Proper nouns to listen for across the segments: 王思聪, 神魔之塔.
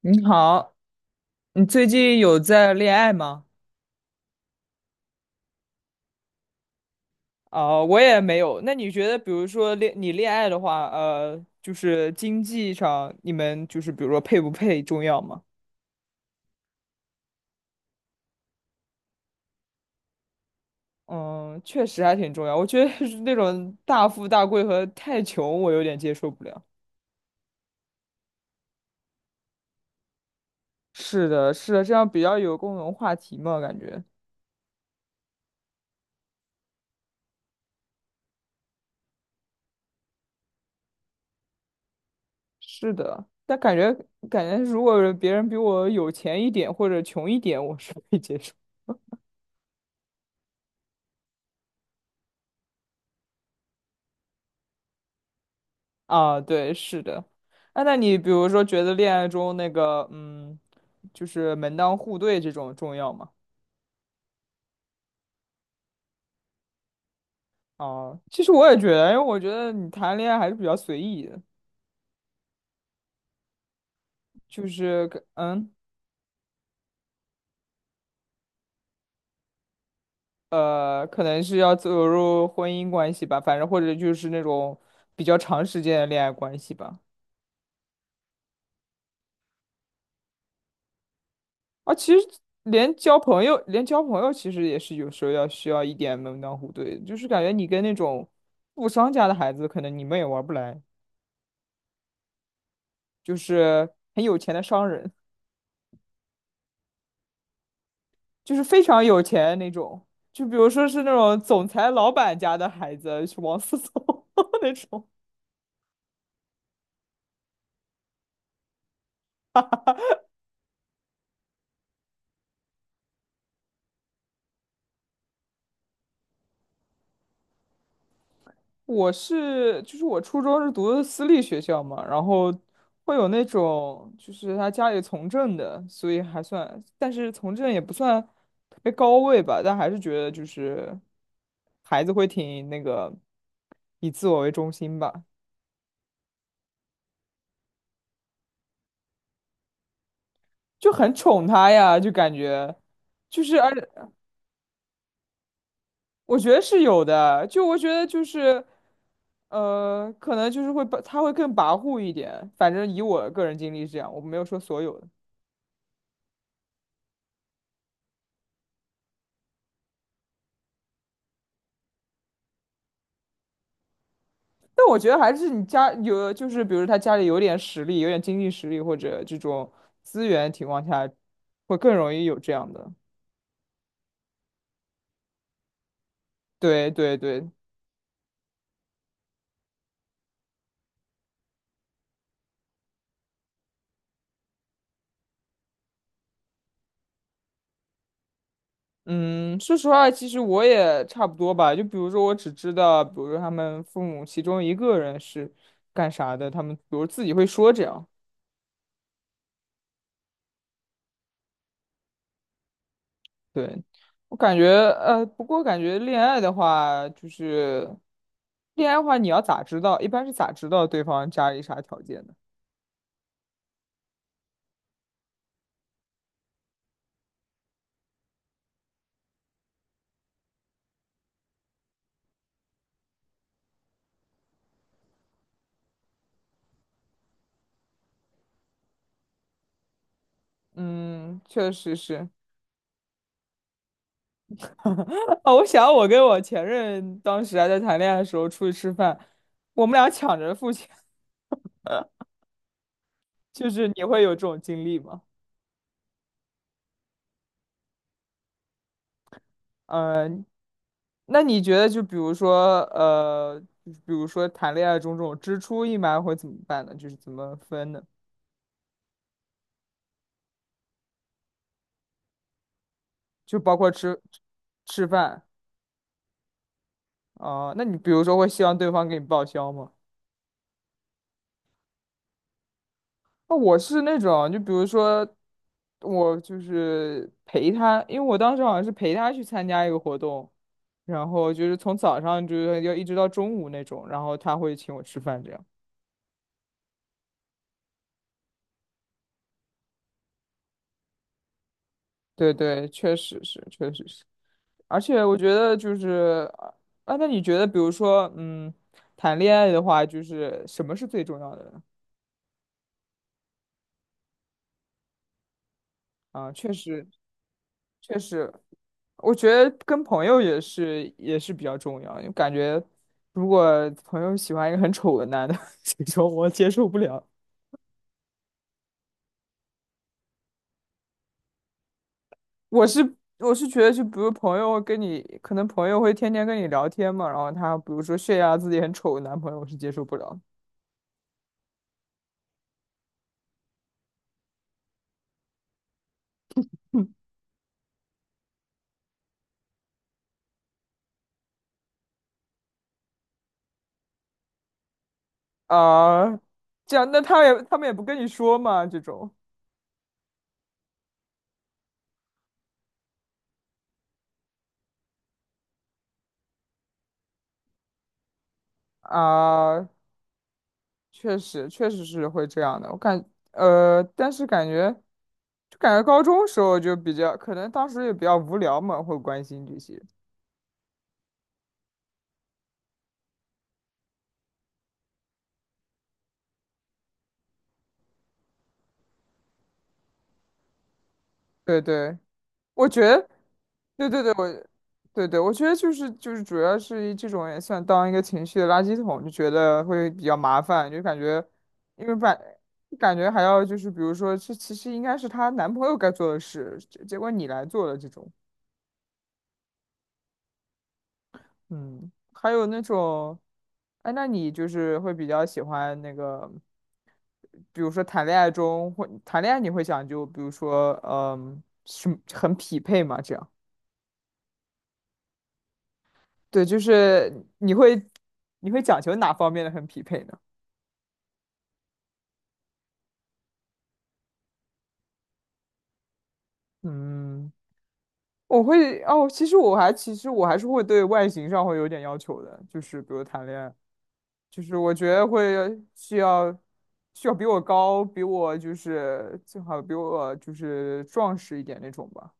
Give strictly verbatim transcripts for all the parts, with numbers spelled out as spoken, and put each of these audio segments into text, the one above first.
你好，你最近有在恋爱吗？哦，我也没有。那你觉得，比如说恋你恋爱的话，呃，就是经济上，你们就是比如说配不配重要吗？嗯，确实还挺重要。我觉得是那种大富大贵和太穷，我有点接受不了。是的，是的，这样比较有共同话题嘛，感觉是的。但感觉感觉，如果别人比我有钱一点或者穷一点，我是可以接受。啊，对，是的。啊，那你比如说觉得恋爱中那个，嗯，就是门当户对这种重要吗？啊，其实我也觉得，因为我觉得你谈恋爱还是比较随意的，就是可嗯呃，可能是要走入婚姻关系吧，反正或者就是那种比较长时间的恋爱关系吧。啊，其实连交朋友，连交朋友其实也是有时候要需要一点门当户对的，就是感觉你跟那种富商家的孩子，可能你们也玩不来。就是很有钱的商人，就是非常有钱那种，就比如说是那种总裁老板家的孩子，是王思聪 那种。我是，就是我初中是读的私立学校嘛，然后会有那种，就是他家里从政的，所以还算，但是从政也不算特别高位吧，但还是觉得就是孩子会挺那个，以自我为中心吧，就很宠他呀，就感觉就是而。我觉得是有的，就我觉得就是，呃，可能就是会把他会更跋扈一点。反正以我个人经历是这样，我没有说所有的，但我觉得还是你家有，就是比如他家里有点实力，有点经济实力或者这种资源情况下，会更容易有这样的。对对对，嗯，说实话，其实我也差不多吧。就比如说，我只知道，比如说他们父母其中一个人是干啥的，他们比如自己会说这样。对，我感觉，呃，不过感觉恋爱的话，就是恋爱的话，你要咋知道？一般是咋知道对方家里啥条件的？嗯，确实是。哦，我想我跟我前任当时还在谈恋爱的时候出去吃饭，我们俩抢着付钱，就是你会有这种经历吗？嗯、那你觉得就比如说，呃，就是比如说谈恋爱中这种支出一般会怎么办呢？就是怎么分呢？就包括吃吃饭。啊，那你比如说会希望对方给你报销吗？那我是那种，就比如说我就是陪他，因为我当时好像是陪他去参加一个活动，然后就是从早上就是要一直到中午那种，然后他会请我吃饭这样。对对，确实是，确实是，而且我觉得就是啊，那你觉得比如说嗯，谈恋爱的话，就是什么是最重要的呢？啊，确实，确实。我觉得跟朋友也是也是比较重要，因为感觉如果朋友喜欢一个很丑的男的，这种我接受不了。我是我是觉得，就比如朋友跟你，可能朋友会天天跟你聊天嘛，然后他比如说炫耀自己很丑的男朋友，我是接受不了啊。这样，那他也他们也不跟你说嘛，这种啊，确实确实是会这样的。我感呃，但是感觉就感觉高中时候就比较，可能当时也比较无聊嘛，会关心这些。对对，我觉得，对对对，我，对对，我觉得就是就是主要是这种也算当一个情绪的垃圾桶，就觉得会比较麻烦，就感觉，因为把感觉还要就是比如说，这其实应该是她男朋友该做的事，结结果你来做了这种，嗯，还有那种，哎，那你就是会比较喜欢那个，比如说谈恋爱中会谈恋爱，你会讲究，比如说，嗯，是很匹配嘛，这样。对，就是你会你会讲求哪方面的很匹配呢？嗯，我会哦，其实我还其实我还是会对外形上会有点要求的，就是比如谈恋爱，就是我觉得会需要需要比我高，比我就是最好比我就是壮实一点那种吧。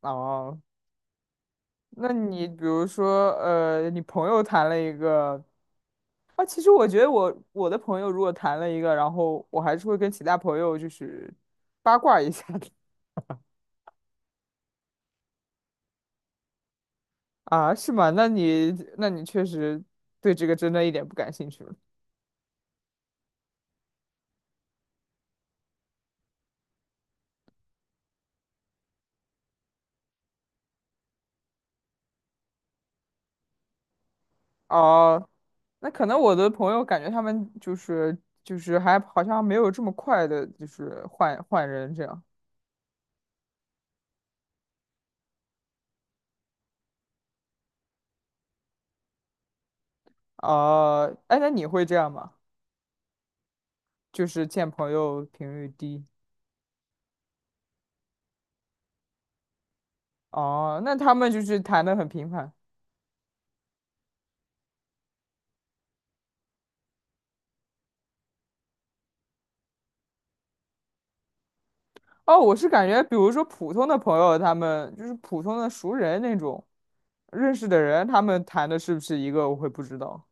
哦，那你比如说呃，你朋友谈了一个啊，其实我觉得我我的朋友如果谈了一个，然后我还是会跟其他朋友就是八卦一下的。啊，是吗？那你那你确实对这个真的一点不感兴趣了。哦，那可能我的朋友感觉他们就是就是还好像没有这么快的，就是换换人这样。哦，哎，那你会这样吗？就是见朋友频率低。哦，那他们就是谈的很频繁。哦，我是感觉，比如说普通的朋友，他们就是普通的熟人那种认识的人，他们谈的是不是一个，我会不知道。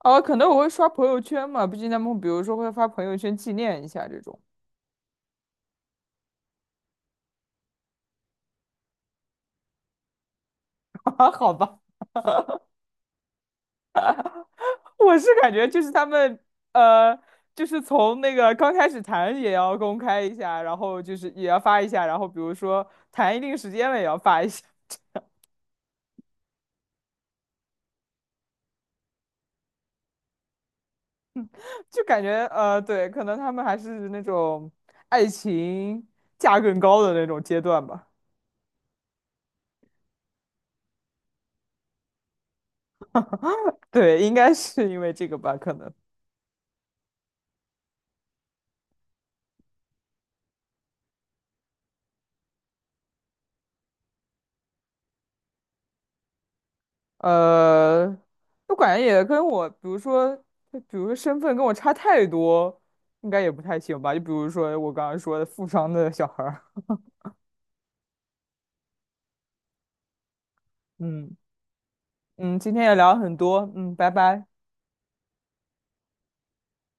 哦，可能我会刷朋友圈嘛，毕竟他们比如说会发朋友圈纪念一下这种。啊，好吧，我是感觉就是他们呃，就是从那个刚开始谈也要公开一下，然后就是也要发一下，然后比如说谈一定时间了也要发一下，就感觉呃，对，可能他们还是那种爱情价更高的那种阶段吧。对，应该是因为这个吧，可能。呃，我感觉也跟我，比如说，就比如说身份跟我差太多，应该也不太行吧。就比如说我刚刚说的富商的小孩儿，嗯，嗯，今天也聊了很多，嗯，拜拜。